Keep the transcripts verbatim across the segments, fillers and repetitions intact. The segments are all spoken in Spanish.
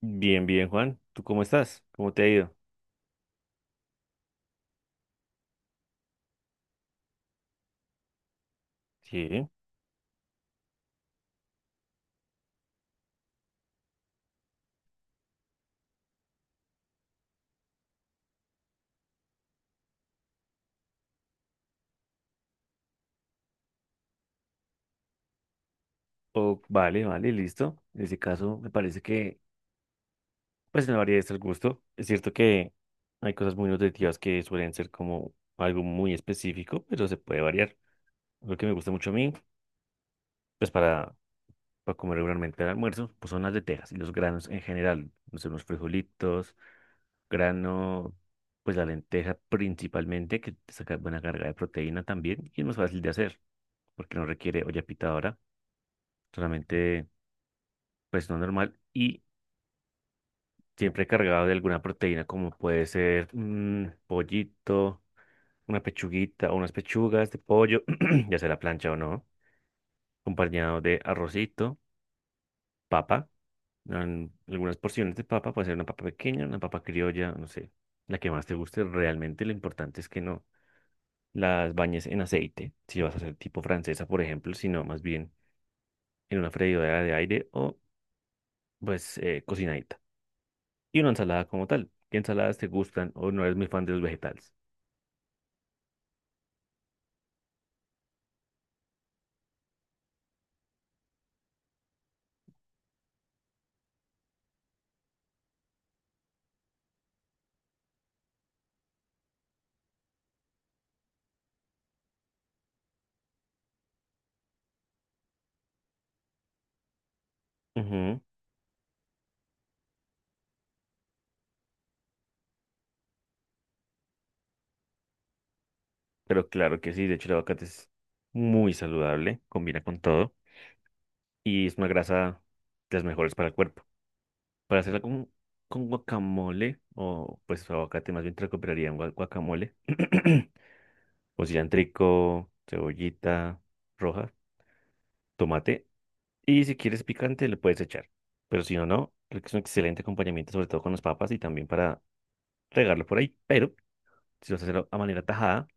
Bien, bien, Juan. ¿Tú cómo estás? ¿Cómo te ha ido? Sí. Oh, vale, vale, listo. En ese caso, me parece que, pues, no varía estar el gusto. Es cierto que hay cosas muy nutritivas que suelen ser como algo muy específico, pero se puede variar. Lo que me gusta mucho a mí, pues, para, para comer regularmente al almuerzo, pues son las lentejas y los granos en general. No sé, unos frijolitos, grano, pues la lenteja principalmente, que te saca buena carga de proteína también y es más fácil de hacer, porque no requiere olla pitadora realmente pues no normal y siempre cargado de alguna proteína como puede ser un pollito, una pechuguita o unas pechugas de pollo, ya sea la plancha o no, acompañado de arrocito, papa, en algunas porciones de papa, puede ser una papa pequeña, una papa criolla, no sé, la que más te guste, realmente lo importante es que no las bañes en aceite, si vas a hacer tipo francesa, por ejemplo, sino más bien en una freidora de aire o pues eh, cocinadita. Y una ensalada como tal. ¿Qué ensaladas te gustan o no eres muy fan de los vegetales? Ujú. Pero claro que sí, de hecho el aguacate es muy saludable, combina con todo y es una grasa de las mejores para el cuerpo. Para hacerla con, con guacamole o pues aguacate más bien te recuperaría un gua- guacamole o cilantrico, cebollita roja, tomate y si quieres picante le puedes echar. Pero si no, no, creo que es un excelente acompañamiento sobre todo con las papas y también para regarlo por ahí. Pero si lo haces a a manera tajada,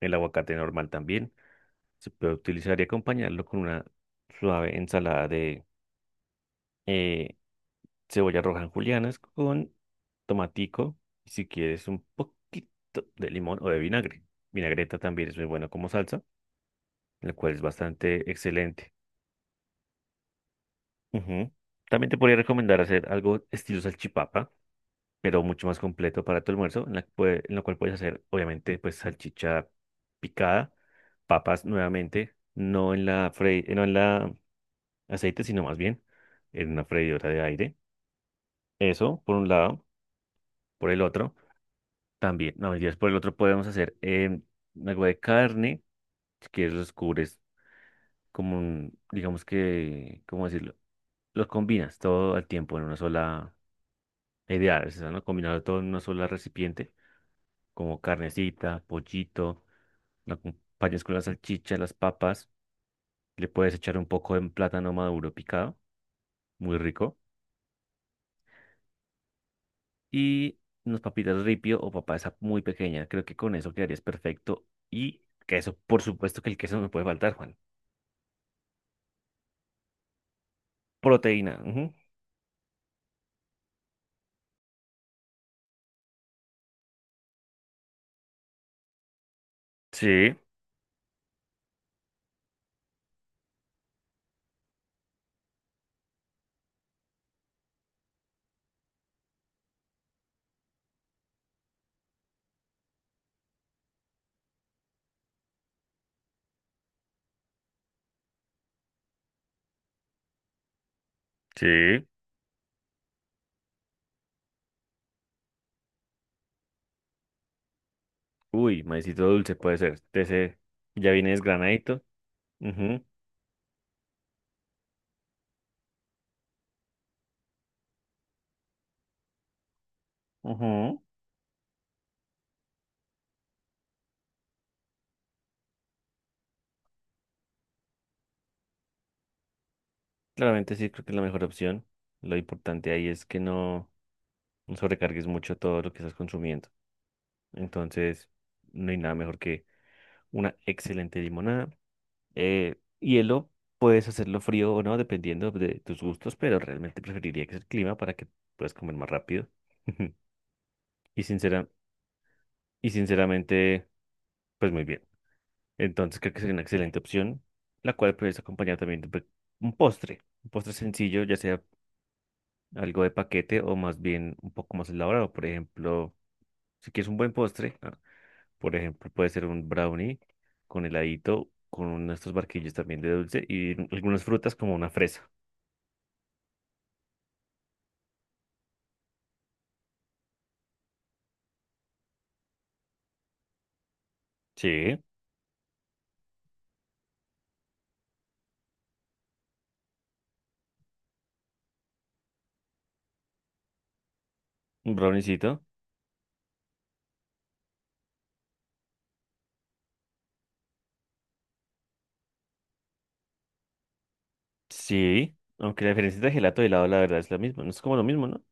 el aguacate normal también se puede utilizar y acompañarlo con una suave ensalada de eh, cebolla roja en julianas con tomatico y si quieres un poquito de limón o de vinagre. Vinagreta también es muy buena como salsa, la cual es bastante excelente. Ujú. También te podría recomendar hacer algo estilo salchipapa pero mucho más completo para tu almuerzo, en la, que puede- en lo cual puedes hacer, obviamente, pues salchicha picada, papas nuevamente, no en la fre- eh, no en la aceite, sino más bien en una freidora de aire. Eso, por un lado, por el otro, también, no, mentiras, por el otro podemos hacer em, algo de carne, si quieres los cubres como un, digamos que, ¿cómo decirlo? Los combinas todo al tiempo en una sola. La idea es esa, ¿no? Combinarlo todo en una sola recipiente, como carnecita, pollito, lo acompañas con la salchicha, las papas, le puedes echar un poco de plátano maduro picado, muy rico, y unas papitas ripio o papa esa muy pequeña. Creo que con eso quedarías perfecto. Y queso, por supuesto que el queso no me puede faltar, Juan. Proteína. Ujú. Sí, sí. Uy, maicito dulce puede ser. De ese ya viene desgranadito. Ujú, ujú. Claramente sí, creo que es la mejor opción. Lo importante ahí es que no, no sobrecargues mucho todo lo que estás consumiendo. Entonces, no hay nada mejor que una excelente limonada. Eh, hielo, puedes hacerlo frío o no, dependiendo de tus gustos, pero realmente preferiría que sea el clima para que puedas comer más rápido. Y sincera, y sinceramente, pues muy bien. Entonces, creo que sería una excelente opción, la cual puedes acompañar también de pe- un postre. Un postre sencillo, ya sea algo de paquete o más bien un poco más elaborado. Por ejemplo, si quieres un buen postre, ah, por ejemplo, puede ser un brownie con heladito, con estos barquillos también de dulce y algunas frutas como una fresa. Sí, un browniecito. Sí, aunque la diferencia entre gelato y helado la verdad es la misma, no es como lo mismo, ¿no?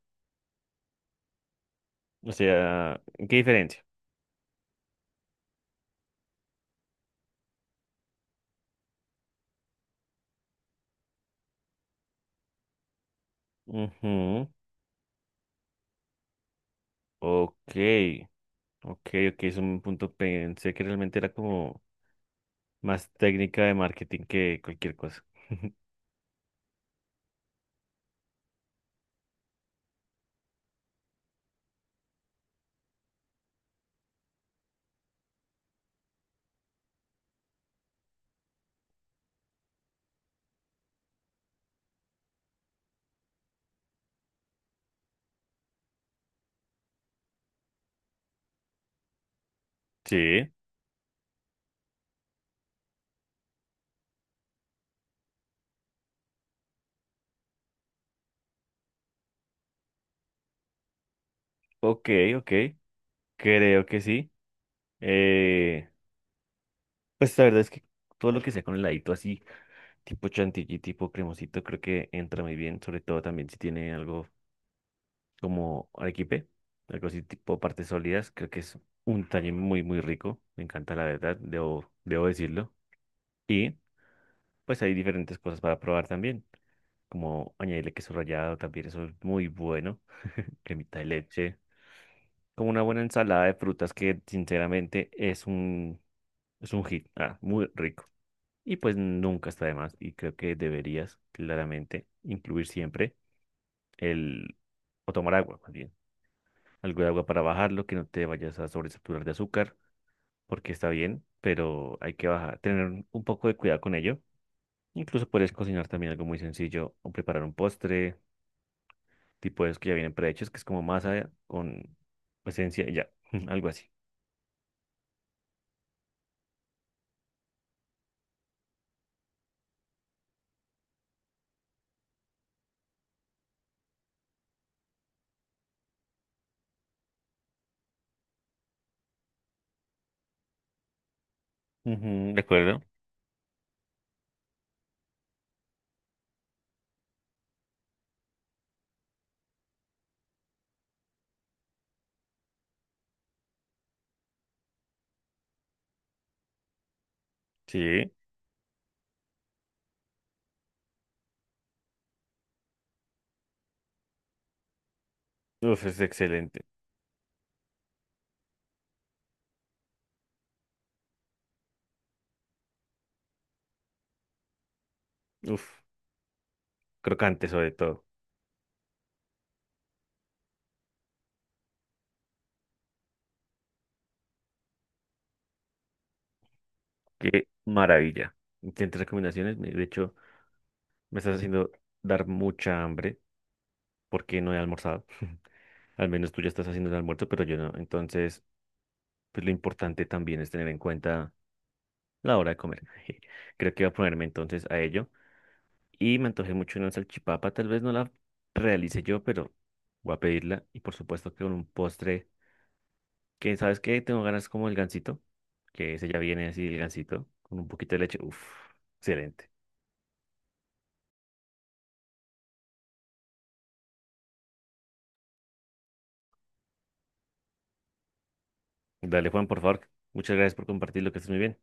O sea, ¿qué diferencia? Ujú. Ok, ok, ok, es un punto, pensé que realmente era como más técnica de marketing que cualquier cosa. Sí. Ok, ok, creo que sí. Eh, pues la verdad es que todo lo que sea con heladito así, tipo chantilly, tipo cremosito, creo que entra muy bien, sobre todo también si tiene algo como arequipe, algo así tipo partes sólidas, creo que es un detalle muy, muy rico, me encanta la verdad, debo, debo decirlo. Y pues hay diferentes cosas para probar también, como añadirle queso rallado, también eso es muy bueno, cremita de leche, como una buena ensalada de frutas que sinceramente es un. Es un hit, ah, muy rico. Y pues nunca está de más. Y creo que deberías claramente incluir siempre el... o tomar agua, más bien. Algo de agua para bajarlo, que no te vayas a sobresaturar de azúcar, porque está bien, pero hay que bajar, tener un un poco de cuidado con ello. Incluso puedes cocinar también algo muy sencillo o preparar un postre, tipo de esos que ya vienen prehechos, que es como masa con esencia, y ya, algo así. Ujú, de acuerdo. Sí. Uf, es excelente. Uf, crocante sobre todo. Qué maravilla. Tienes recomendaciones. De hecho, me estás haciendo dar mucha hambre porque no he almorzado. Al menos tú ya estás haciendo el almuerzo, pero yo no. Entonces, pues lo importante también es tener en cuenta la hora de comer. Creo que voy a ponerme entonces a ello. Y me antojé mucho una salchipapa. Tal vez no la realice yo, pero voy a pedirla. Y por supuesto que con un postre que, ¿sabes qué? Tengo ganas como el gansito, que ese ya viene así, el gansito, con un poquito de leche. Uf, excelente. Dale, Juan, por favor. Muchas gracias por compartir lo que estés muy bien.